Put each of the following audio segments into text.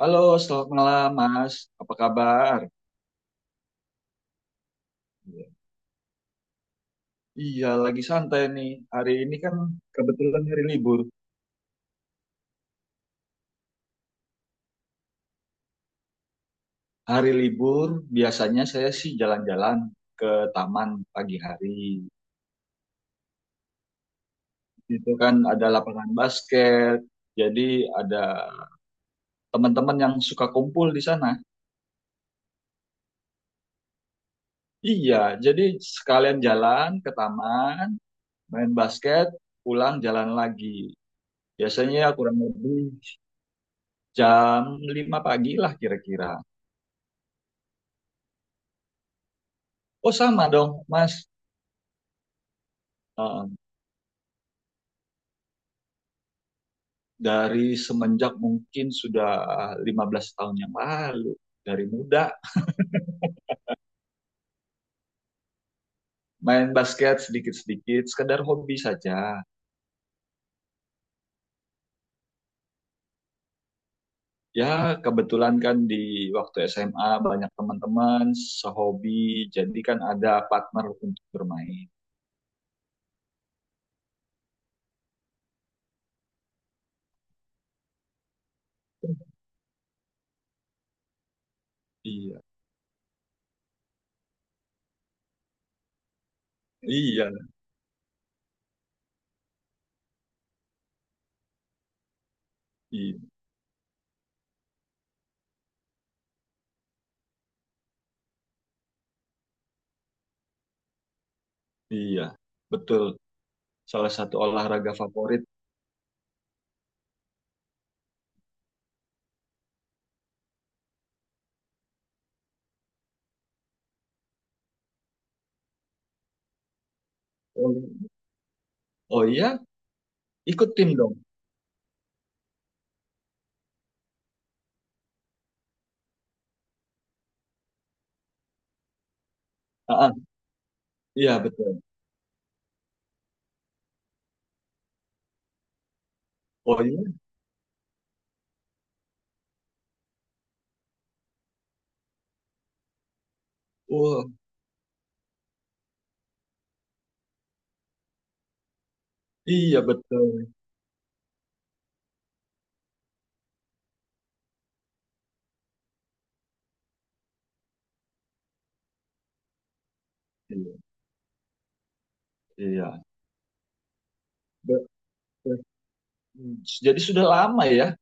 Halo, selamat malam Mas. Apa kabar? Iya, iya, lagi santai nih. Hari ini kan kebetulan hari libur. Hari libur biasanya saya sih jalan-jalan ke taman pagi hari. Itu kan ada lapangan basket. Jadi ada teman-teman yang suka kumpul di sana. Iya, jadi sekalian jalan ke taman, main basket, pulang jalan lagi. Biasanya kurang lebih jam 5 pagi lah kira-kira. Oh sama dong, Mas. Uh, dari semenjak mungkin sudah 15 tahun yang lalu, dari muda main basket sedikit-sedikit, sekedar hobi saja. Ya, kebetulan kan di waktu SMA banyak teman-teman sehobi, jadi kan ada partner untuk bermain. Iya, iya, iya, iya, betul. Salah satu olahraga favorit. Oh, oh iya, ikut tim dong. Ah, ah, iya betul. Oh iya, oh iya betul. Iya, iya. Be- be- Jadi sudah lama ya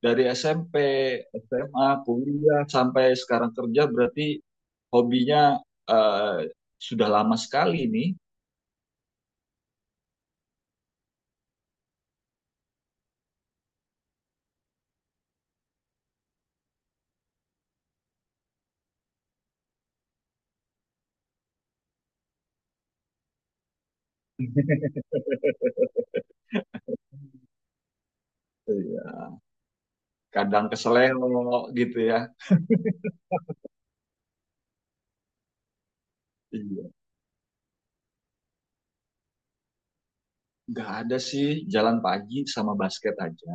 dari SMP, SMA, kuliah sampai sekarang kerja berarti hobinya eh, sudah lama sekali nih. Iya. Kadang keseleo gitu ya. Iya. Nggak ada sih jalan pagi sama basket aja.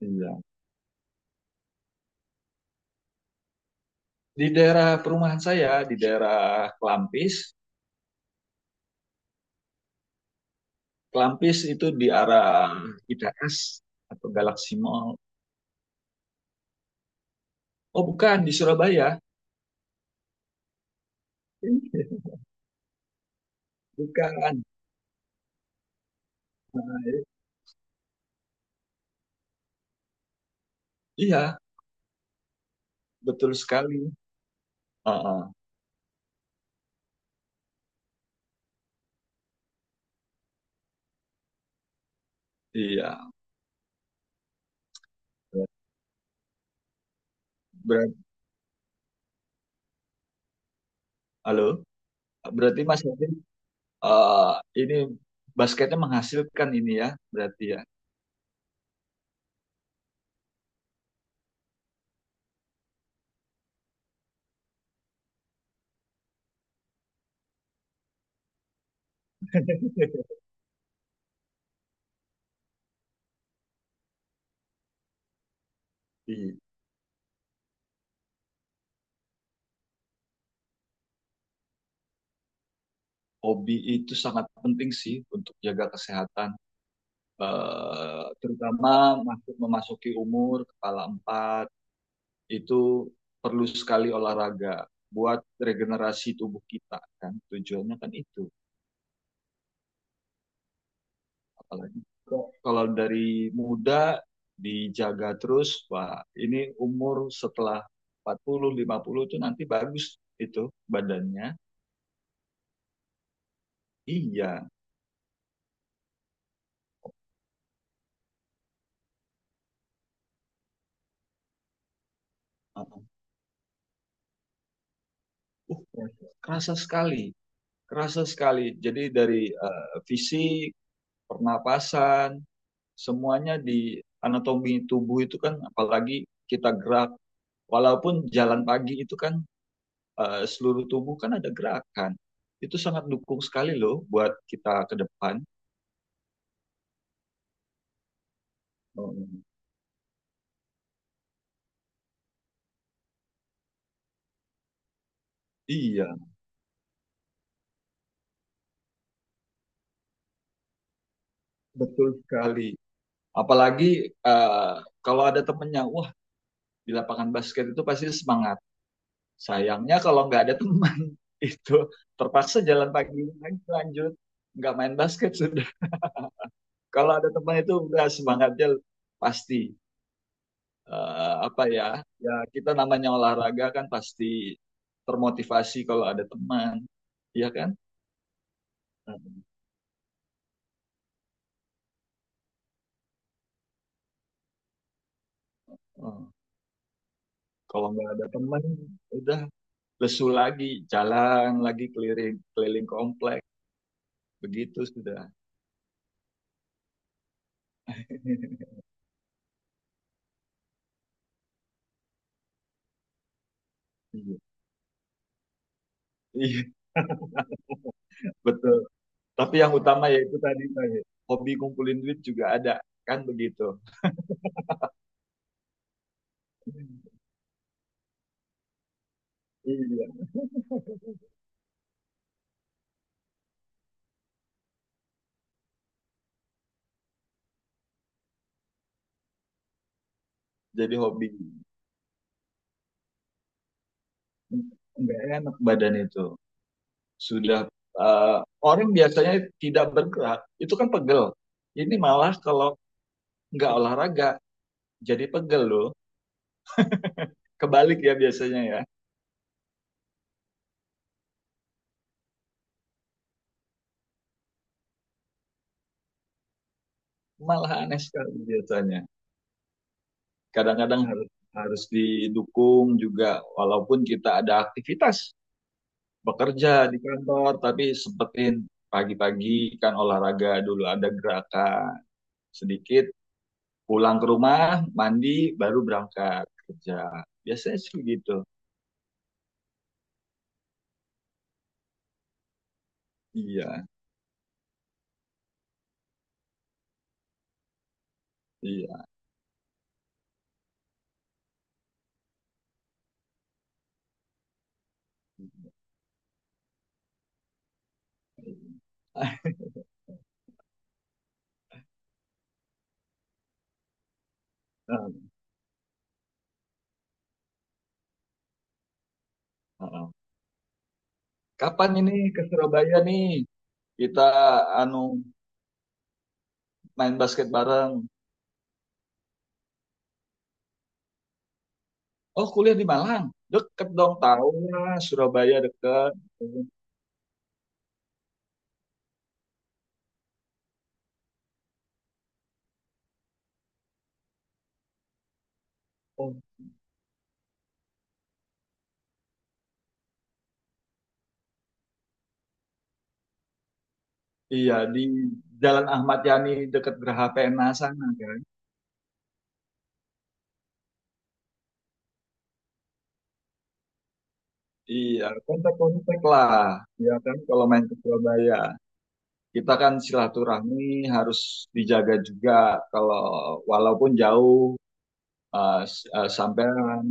Iya. Di daerah perumahan saya, di daerah Klampis. Klampis itu di arah ITS atau Galaxy Mall. Oh bukan, di Surabaya. Bukan. Nah, i- Iya, betul sekali. Heeh, iya. Berarti, halo. Berarti Mas Yasin, eh, ini basketnya menghasilkan ini ya, berarti ya. Iya. Hobi itu sangat penting sih untuk jaga kesehatan. Eh, terutama masuk memasuki umur kepala empat itu perlu sekali olahraga buat regenerasi tubuh kita kan. Tujuannya kan itu. Apalagi kok kalau dari muda dijaga terus, Pak. Ini umur setelah empat puluh lima puluh itu nanti bagus itu badannya. Iya. Uh-uh. uh Kerasa sekali, kerasa sekali. Jadi dari fisik, pernapasan, semuanya di anatomi tubuh itu kan apalagi kita gerak walaupun jalan pagi itu kan seluruh tubuh kan ada gerakan. Itu sangat dukung sekali loh buat kita ke depan. Oh, iya, betul sekali. Apalagi eh, kalau ada temennya, wah, di lapangan basket itu pasti semangat. Sayangnya kalau nggak ada teman, itu terpaksa jalan pagi lagi lanjut, nggak main basket sudah. Kalau ada teman itu udah semangatnya pasti. Eh, apa ya, ya kita namanya olahraga kan pasti termotivasi kalau ada teman, iya kan? Eh, eh, Kalau nggak ada teman, udah lesu lagi, jalan lagi keliling keliling komplek, begitu sudah. Betul. Tapi yang utama ya itu tadi tadi, hobi kumpulin duit juga ada, kan begitu. Iya. Jadi hobi. Enggak enak badan itu. Sudah eh, orang biasanya tidak bergerak, itu kan pegel. Ini malah kalau nggak olahraga jadi pegel loh. Kebalik ya biasanya ya. Malah aneh sekali biasanya. Kadang-kadang harus, harus didukung juga walaupun kita ada aktivitas bekerja di kantor tapi sempetin pagi-pagi kan olahraga dulu ada gerakan sedikit, pulang ke rumah mandi baru berangkat kerja biasanya sih gitu. Iya, iya. Kapan ini ke Surabaya nih kita anu main basket bareng. Oh kuliah di Malang, deket dong, tahu lah Surabaya deket. Oh iya, di Jalan Ahmad Yani dekat Geraha PNA sana kan. Iya, kontak-kontak lah. Ya kan kalau main ke Surabaya. Kita kan silaturahmi harus dijaga juga kalau walaupun jauh, sampean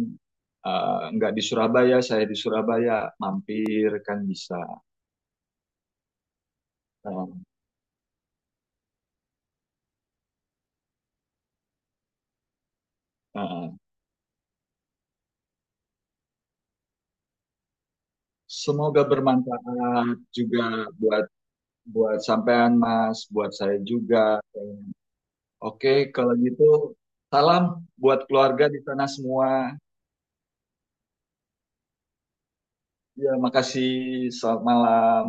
nggak di Surabaya, saya di Surabaya mampir kan bisa. Eh, eh, Semoga bermanfaat juga buat buat sampean Mas, buat saya juga. Oke, kalau gitu salam buat keluarga di sana semua. Ya, makasih. Selamat malam.